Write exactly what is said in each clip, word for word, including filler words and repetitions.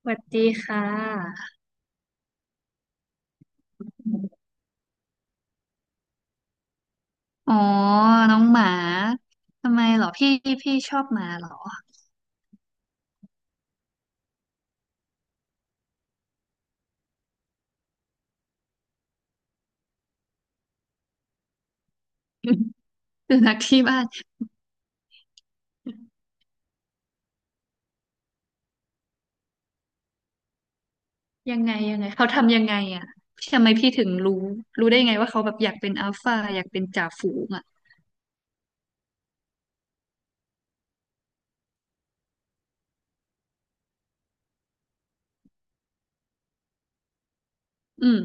สวัสดีค่ะ อ๋อ น้องหมา ทำไมเหรอพี่พี่ชอบหมาเหรอ สุนัขที่บ้าน ยังไงยังไงเขาทำยังไงอ่ะทำไมพี่ถึงรู้รู้ได้ไงว่าเขาแบบอยากเป็นอัลฟาอยากเป็นจ่าฝูงอ่ะอืม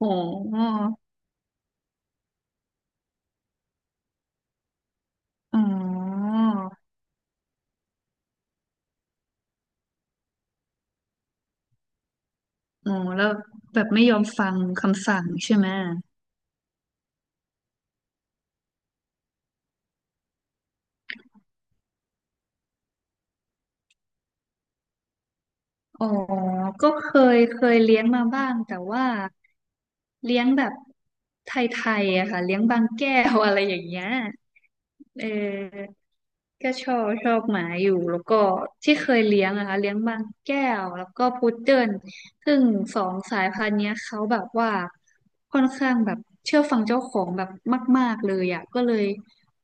อ๋ออ๋ออ๋อแล้วแบบไม่ยอมฟังคำสั่งใช่ไหม อ๋อก็เคยเคยเลี้ยงมาบ้างแต่ว่าเลี้ยงแบบไทยๆอะค่ะเลี้ยงบางแก้วอะไรอย่างเงี้ยเออก็ชอบชอบหมาอยู่แล้วก็ที่เคยเลี้ยงอะค่ะเลี้ยงบางแก้วแล้วก็พุดเดิ้ลซึ่งสองสายพันธุ์เนี้ยเขาแบบว่าค่อนข้างแบบเชื่อฟังเจ้าของแบบมากๆเลยอะก็เลย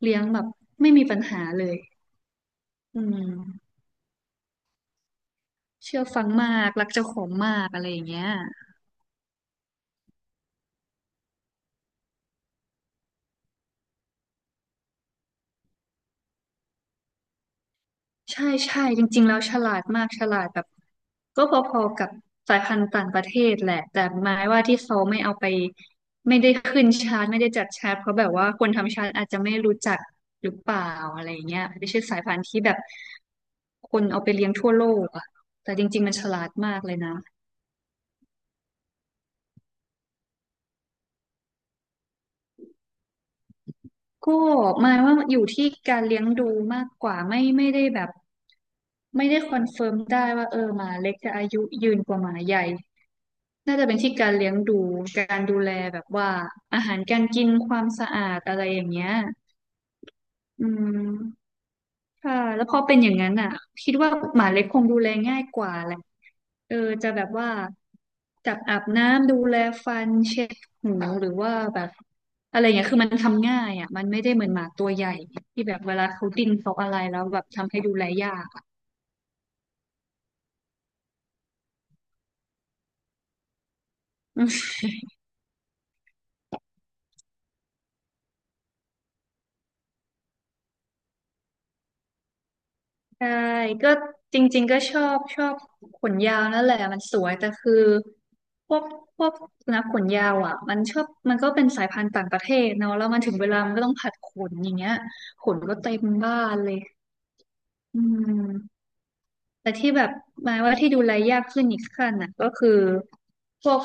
เลี้ยงแบบไม่มีปัญหาเลยอืมเชื่อฟังมาก รักเจ้าของมากอะไรอย่างเงี้ย ใช่ใช่จริงๆแล้วฉลาดมากฉลาดแบบก็พอๆกับสายพันธุ์ต่างประเทศแหละแต่หมายว่าที่เขาไม่เอาไปไม่ได้ขึ้นชาร์ตไม่ได้จัดชาร์ตเพราะแบบว่าคนทำชาร์ตอาจจะไม่รู้จักหรือเปล่าอะไรเงี้ยไม่ใช่สายพันธุ์ที่แบบคนเอาไปเลี้ยงทั่วโลกอะแต่จริงๆมันฉลาดมากเลยนะก็หมายว่าอยู่ที่การเลี้ยงดูมากกว่าไม่ไม่ได้แบบไม่ได้คอนเฟิร์มได้ว่าเออหมาเล็กจะอายุยืนกว่าหมาใหญ่ น่าจะเป็นที่การเลี้ยงดูการดูแลแบบว่าอาหารการกินความสะอาดอะไรอย่างเงี้ยอืมค่ะแล้วพอเป็นอย่างนั้นอ่ะคิดว่าหมาเล็กคงดูแลง่ายกว่าแหละเออจะแบบว่าจับอาบน้ำดูแลฟันเช็ดหูหรือว่าแบบอะไรงเงี้ยคือมันทำง่ายอ่ะมันไม่ได้เหมือนหมาตัวใหญ่ที่แบบเวลาเขาดิ้นเขาอะไรแล้วแบบทำให้ดูแลยากอะ ใช่ก็จริงๆก็ชอบชอบขนยาวนั่นแหละมันสวยแต่คือพวกพวกสุนัขขนยาวอ่ะมันชอบมันก็เป็นสายพันธุ์ต่างประเทศเนาะแล้วมันถึงเวลามันก็ต้องผัดขนอย่างเงี้ยขนก็เต็มบ้านเลยอืม แต่ที่แบบหมายว่าที่ดูแลยากขึ้นอีกขั้นน่ะก็คือพวก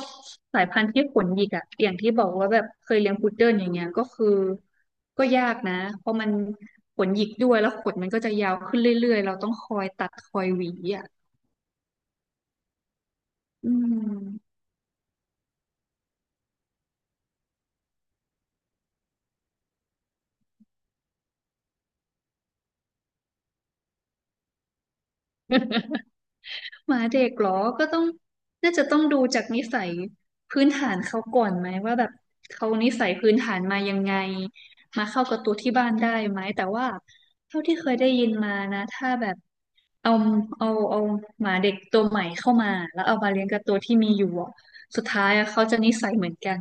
สายพันธุ์ที่ขนหยิกอะอย่างที่บอกว่าแบบเคยเลี้ยงพุดเดิ้ลอย่างเงี้ยก็คือก็ยากนะเพราะมันขนหยิกด้วยแล้วขนมันก็จะยาวขึ้นเรื่อยๆเราต้องคอยตัดคอยหวีอ่ะอืม หมาเด็กเหรอก็ต้องน่าจะต้องดูจากนิสัยพื้นฐานเขาก่อนไหมว่าแบบเขานิสัยพื้นฐานมายังไงมาเข้ากับตัวที่บ้านได้ไหมแต่ว่าเท่าที่เคยได้ยินมานะถ้าแบบ เอาเอาเอาหมาเด็กตัวใหม่เข้ามาแล้วเอามาเลี้ยงกับตัวที่มีอยู่อะสุดท้ายอะเขาจะนิสัยเหมือนกัน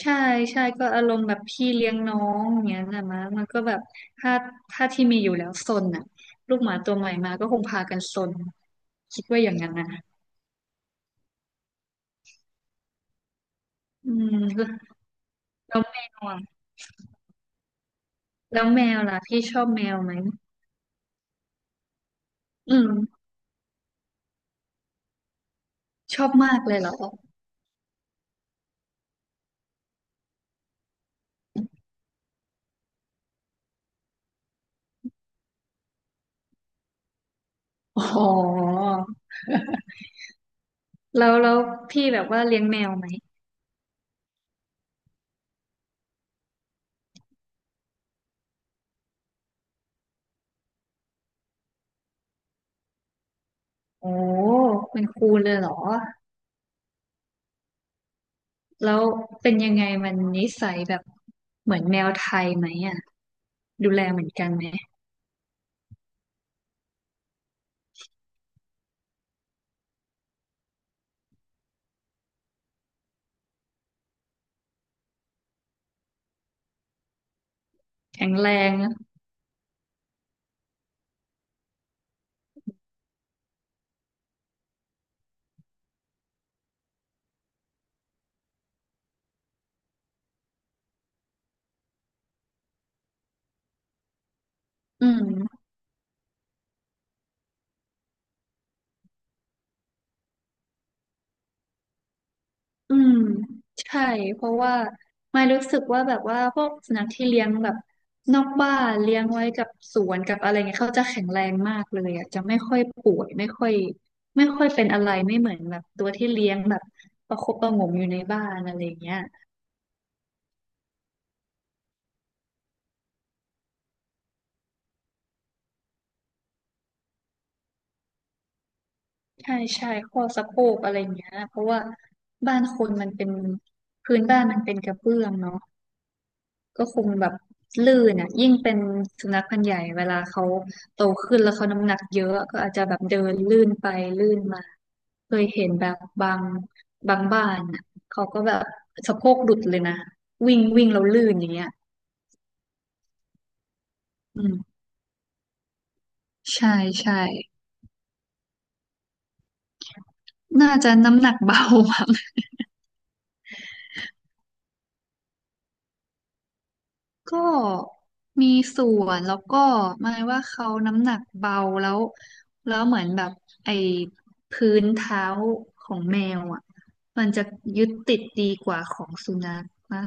ใช่ใช่ก็อารมณ์แบบพี่เลี้ยงน้องอย่างเงี้ยนะมะมันก็แบบถ้าถ้าที่มีอยู่แล้วซนอ่ะลูกหมาตัวใหม่มาก็คงพากันซนคิดว่าอย่างนั้นนะอืมแล้วแมวอะแล้วแมวล่ะพี่ชอบแมวไหมอืมชอบมากเลยเหรออ๋อแล้วแล้วพี่แบบว่าเลี้ยงแมวไหมโอ้เป็นครูเลยเหรอ แล้วเป็นยังไงมันนิสัยแบบเหมือนแมวไทยไหมอ่ะดูแลเหมือนกันไหมแข็งแรงอะอืมอืมใช่เพราะว่าไม่รู้สึกว่าแบบว่าพวกสุนัขที่เลี้ยงแบบนอกบ้านเลี้ยงไว้กับสวนกับอะไรเงี้ยเขาจะแข็งแรงมากเลยอ่ะจะไม่ค่อยป่วยไม่ค่อยไม่ค่อยเป็นอะไรไม่เหมือนแบบตัวที่เลี้ยงแบบประคบประหงมอยู่ในบ้านอะไรเงี้ย ใช่ใช่ข้อสะโพกอะไรอย่างเงี้ยเพราะว่าบ้านคนมันเป็นพื้นบ้านมันเป็นกระเบื้องเนาะก็คงแบบลื่นอ่ะยิ่งเป็นสุนัขพันธุ์ใหญ่เวลาเขาโตขึ้นแล้วเขาน้ำหนักเยอะก็อาจจะแบบเดินลื่นไปลื่นมาเคยเห็นแบบบางบางบ้านอ่ะเขาก็แบบสะโพกหลุดเลยนะวิ่งวิ่งแล้วลื่นอย่างเงี้ยอืมใช่ใช่น่าจะน้ำหนักเบาอะ ก็มีส่วนแล้วก็หมายว่าเขาน้ำหนักเบาแล้วแล้วเหมือนแบบไอ้พื้นเท้าของแมวอ่ะมันจะยึดติดดีกว่าของสุนัขนะ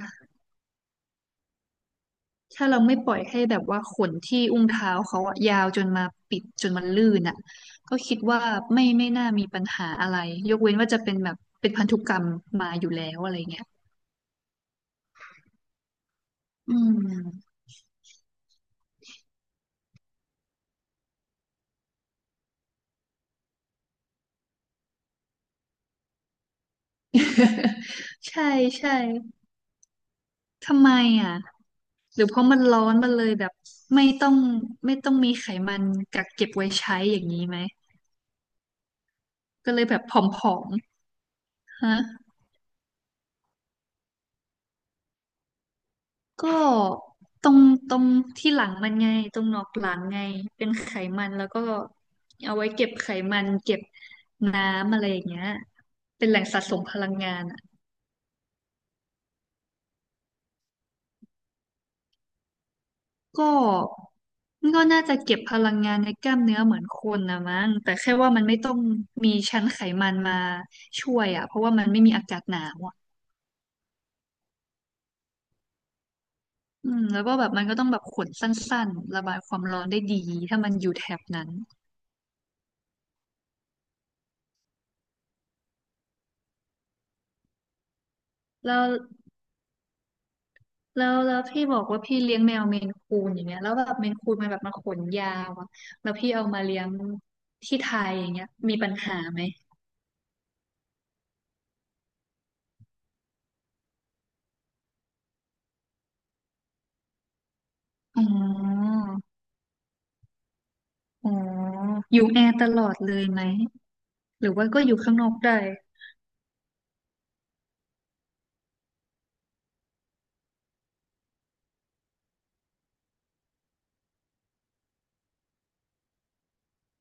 ถ้าเราไม่ปล่อยให้แบบว่าขนที่อุ้งเท้าเขาอะยาวจนมาปิดจนมันลื่นอ่ะก็คิดว่าไม่ไม่น่ามีปัญหาอะไรยกเว้นว่าจะเป็นแบบเป็นพันธุกรรมมาอยู่แล้วอะไรเงี้ยอืม ใช่ใช่ ทำไมอ่ะหรือเพราะมันร้อนมันเลยแบบไม่ต้องไม่ต้องมีไขมันกักเก็บไว้ใช้อย่างนี้ไหมก็เลยแบบผอมๆฮะก็ตรงตรงที่หลังมันไงตรงหนอกหลังไงเป็นไขมันแล้วก็เอาไว้เก็บไขมันเก็บน้ำอะไรอย่างเงี้ยเป็นแหล่งสะสมพลังงาน ก็มันก็น่าจะเก็บพลังงานในกล้ามเนื้อเหมือนคนนะมั้งแต่แค่ว่ามันไม่ต้องมีชั้นไขมันมาช่วยอ่ะเพราะว่ามันไม่มีอากาศหนาวอ่ะอืมแล้วก็แบบมันก็ต้องแบบขนสั้นๆระบายความร้อนได้ดีถ้ามันอยู่แถบนั้นแล้วแล้วแล้วพี่บอกว่าพี่เลี้ยงแมวเมนคูนอย่างเงี้ยแล้วแบบเมนคูนมันแบบมาขนยาวอะแล้วพี่เอามาเลี้ยงที่ไทยอย่างเงี้ยมีปัญหาไหมอ๋ออ๋ออยู่แอร์ตลอดเลยไหมหรือว่าก็อยู่ข้างนอกได้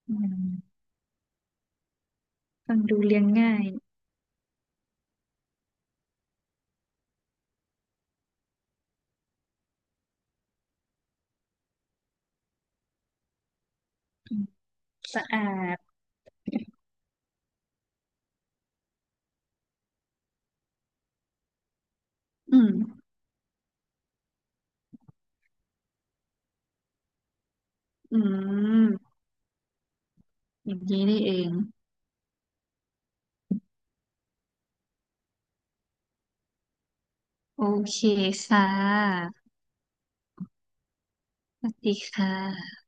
อืมฟังดูเลี้ยงง่ายอืมสะอาดอืมอืมอย่างนี้นี่เองโอเคค่ะสวัสดีค่ะ